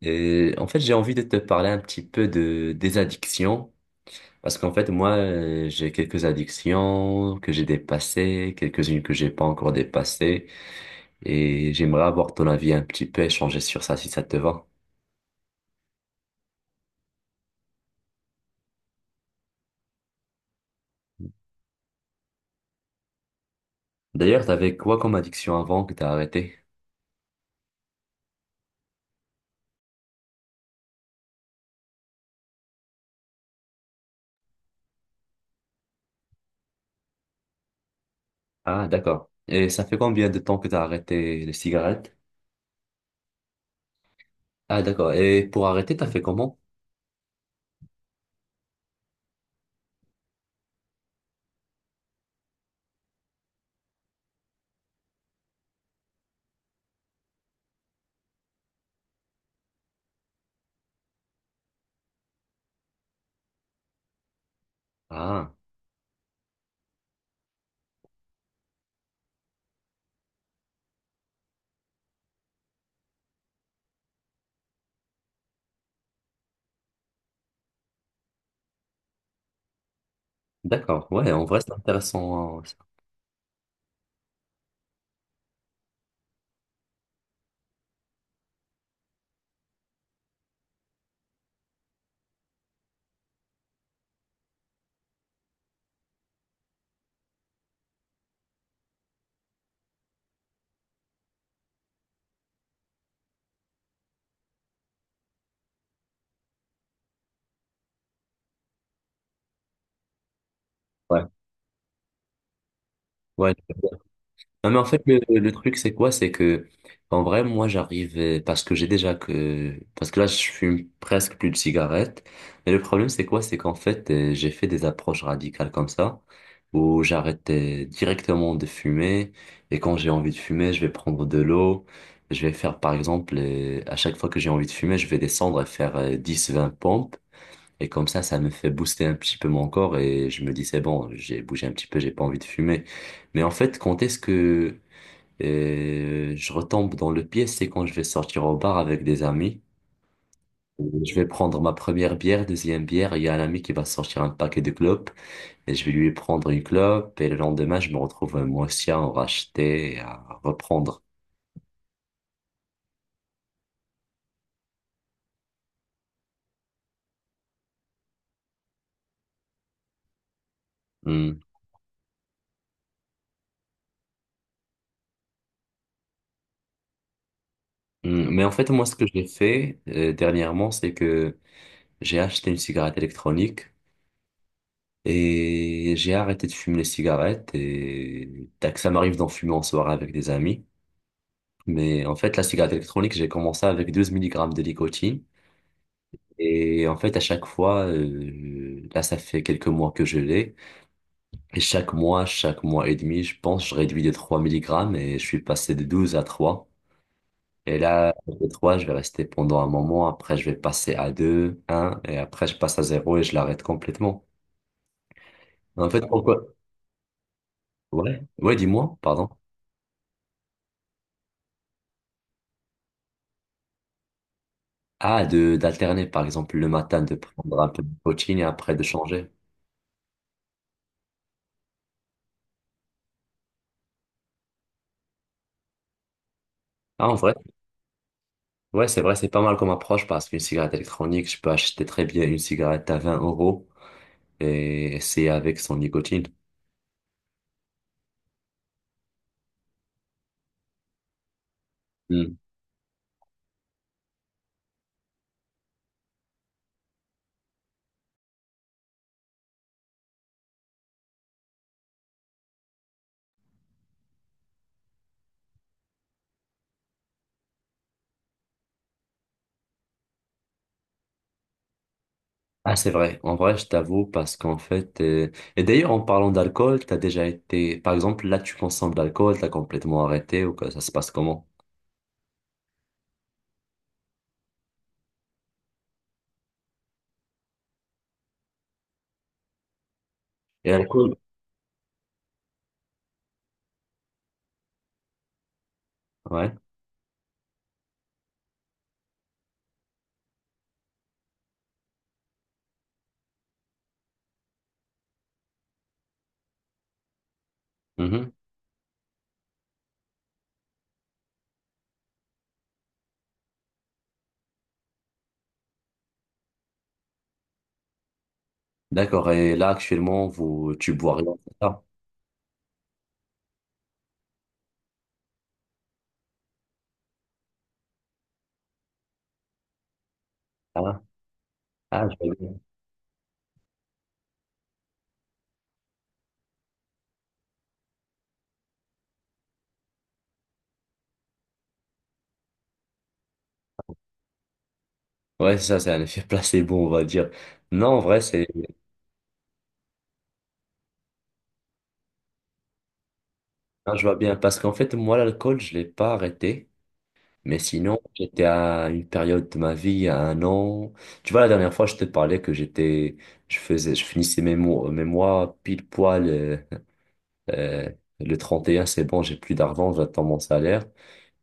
Et en fait, j'ai envie de te parler un petit peu de des addictions parce qu'en fait, moi, j'ai quelques addictions que j'ai dépassées, quelques-unes que j'ai pas encore dépassées et j'aimerais avoir ton avis un petit peu, échanger sur ça si ça te va. D'ailleurs, t'avais quoi comme addiction avant que t'as arrêté? Ah, d'accord. Et ça fait combien de temps que t'as arrêté les cigarettes? Ah, d'accord. Et pour arrêter, t'as fait comment? Ah, d'accord. Ouais, en vrai, c'est intéressant, hein, ça. Ouais. Ouais. Non, mais en fait, le truc, c'est quoi? C'est que, en vrai, moi, j'arrive, parce que j'ai déjà que, parce que là, je fume presque plus de cigarettes. Mais le problème, c'est quoi? C'est qu'en fait, j'ai fait des approches radicales comme ça, où j'arrête directement de fumer. Et quand j'ai envie de fumer, je vais prendre de l'eau. Je vais faire, par exemple, à chaque fois que j'ai envie de fumer, je vais descendre et faire 10, 20 pompes. Et comme ça me fait booster un petit peu mon corps et je me dis, c'est bon, j'ai bougé un petit peu, j'ai pas envie de fumer. Mais en fait, quand est-ce que et je retombe dans le piège, c'est quand je vais sortir au bar avec des amis. Je vais prendre ma première bière, deuxième bière. Il y a un ami qui va sortir un paquet de clopes et je vais lui prendre une clope. Et le lendemain, je me retrouve moi aussi à en racheter, et à reprendre. Hmm. Hmm. Mais en fait, moi, ce que j'ai fait dernièrement, c'est que j'ai acheté une cigarette électronique et j'ai arrêté de fumer les cigarettes et tac, ça m'arrive d'en fumer en soirée avec des amis. Mais en fait, la cigarette électronique, j'ai commencé avec 12 milligrammes de nicotine. Et en fait, à chaque fois, là, ça fait quelques mois que je l'ai. Et chaque mois et demi, je pense, je réduis de 3 milligrammes et je suis passé de 12 à trois. Et là, de 3 je vais rester pendant un moment. Après, je vais passer à deux un et après, je passe à zéro et je l'arrête complètement. En fait, pourquoi? Ouais, ouais, dis-moi, pardon. Ah, de, d'alterner, par exemple, le matin, de prendre un peu de nicotine et après de changer. Ah, en vrai. Ouais, c'est vrai, c'est pas mal comme approche parce qu'une cigarette électronique, je peux acheter très bien une cigarette à 20 euros et c'est avec son nicotine. Hmm. Ah, c'est vrai. En vrai, je t'avoue parce qu'en fait, et d'ailleurs, en parlant d'alcool, t'as déjà été, par exemple, là, tu consommes de l'alcool, t'as complètement arrêté ou que ça se passe comment? Et l'alcool? Ouais. Mhm. D'accord. Et là, actuellement, vous, tu bois rien, c'est ça? Ah. Ah, je vois bien. Ouais, ça, c'est un effet placebo, on va dire. Non, en vrai, c'est, ah, je vois bien parce qu'en fait, moi, l'alcool, je l'ai pas arrêté. Mais sinon, j'étais à une période de ma vie, à un an. Tu vois, la dernière fois, je te parlais que j'étais, je faisais, je finissais mes mois pile poil, euh, le 31 c'est bon, j'ai plus d'argent, j'attends mon salaire.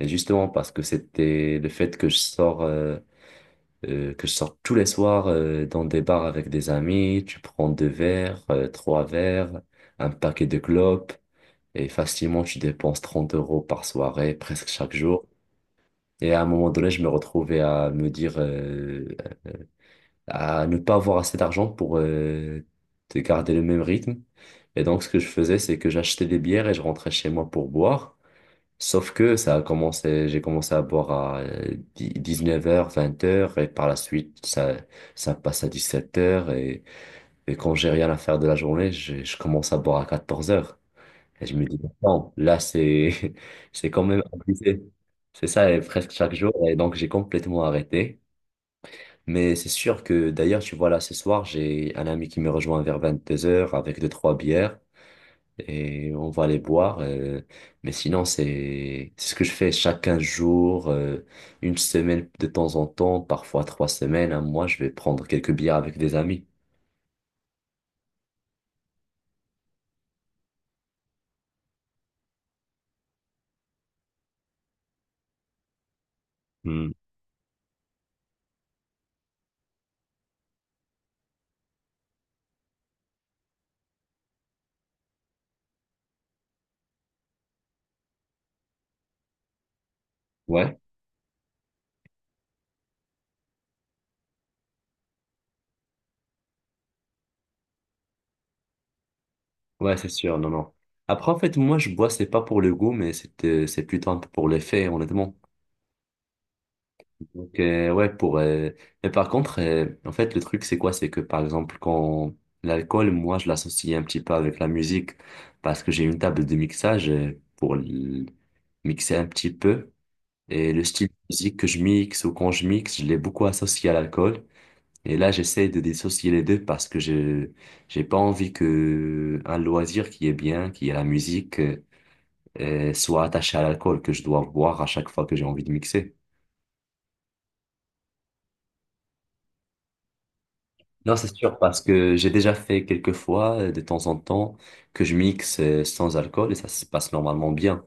Et justement, parce que c'était le fait que que je sors tous les soirs, dans des bars avec des amis, tu prends deux verres, trois verres, un paquet de clopes, et facilement, tu dépenses 30 euros par soirée, presque chaque jour. Et à un moment donné, je me retrouvais à me dire, à ne pas avoir assez d'argent pour de garder le même rythme. Et donc, ce que je faisais, c'est que j'achetais des bières et je rentrais chez moi pour boire. Sauf que ça a commencé, j'ai commencé à boire à 19 heures 20 heures et par la suite, ça passe à 17 heures. Et quand j'ai rien à faire de la journée, je commence à boire à 14 heures et je me dis, non, là, c'est, c'est quand même abusé. C'est ça, et presque chaque jour. Et donc, j'ai complètement arrêté. Mais c'est sûr que, d'ailleurs, tu vois, là, ce soir, j'ai un ami qui me rejoint vers 22 heures avec deux, trois bières. Et on va les boire. Mais sinon, c'est ce que je fais chaque 15 jours, une semaine de temps en temps, parfois trois semaines, un mois, je vais prendre quelques bières avec des amis. Hmm. Ouais. Ouais, c'est sûr, non, non. Après, en fait, moi, je bois, c'est pas pour le goût, mais c'est plutôt un peu pour l'effet, honnêtement. Donc, ouais, pour... Mais par contre, en fait, le truc, c'est quoi? C'est que, par exemple, quand l'alcool, moi, je l'associe un petit peu avec la musique, parce que j'ai une table de mixage mixer un petit peu, et le style de musique que je mixe ou quand je mixe, je l'ai beaucoup associé à l'alcool. Et là, j'essaie de dissocier les deux parce que je j'ai pas envie que un loisir qui est bien, qui est la musique, soit attaché à l'alcool que je dois boire à chaque fois que j'ai envie de mixer. Non, c'est, ouais, sûr, parce que j'ai déjà fait quelques fois, de temps en temps, que je mixe sans alcool et ça se passe normalement bien.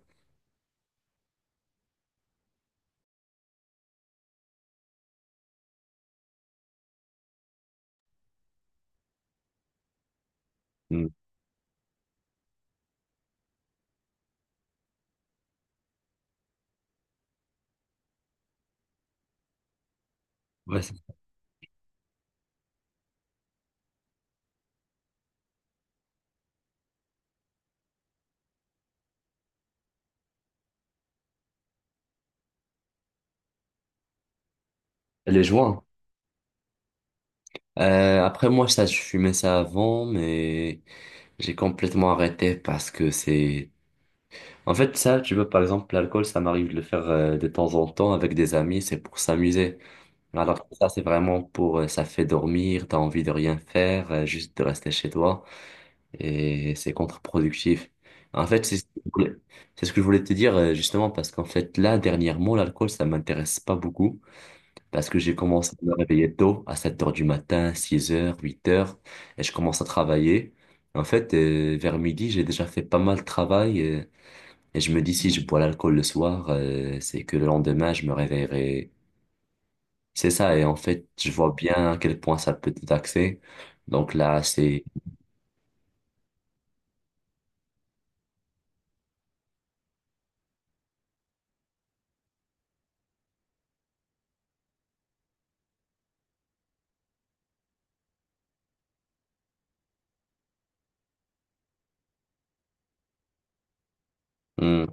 Mm. Ouais, les joints. Après, moi, ça, je fumais ça avant, mais j'ai complètement arrêté parce que c'est... En fait, ça, tu vois, par exemple, l'alcool, ça m'arrive de le faire de temps en temps avec des amis, c'est pour s'amuser. Alors que ça, c'est vraiment pour... ça fait dormir, t'as envie de rien faire, juste de rester chez toi. Et c'est contre-productif. En fait, c'est ce que je voulais te dire justement parce qu'en fait, là, dernièrement, l'alcool, ça m'intéresse pas beaucoup parce que j'ai commencé à me réveiller tôt, à 7 heures du matin, 6 heures, 8 heures, et je commence à travailler. En fait, vers midi, j'ai déjà fait pas mal de travail et je me dis si je bois l'alcool le soir, c'est que le lendemain, je me réveillerai. C'est ça, et en fait, je vois bien à quel point ça peut te taxer. Donc là, c'est... Hmm.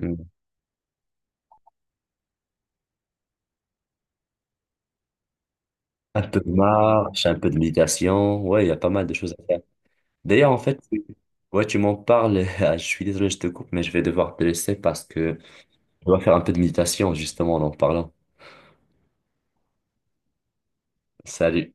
Hmm. Un peu de marche, un peu de méditation. Ouais, il y a pas mal de choses à faire. D'ailleurs, en fait, ouais, tu m'en parles. Ah, je suis désolé, je te coupe, mais je vais devoir te laisser parce que je dois faire un peu de méditation, justement, en parlant. Salut.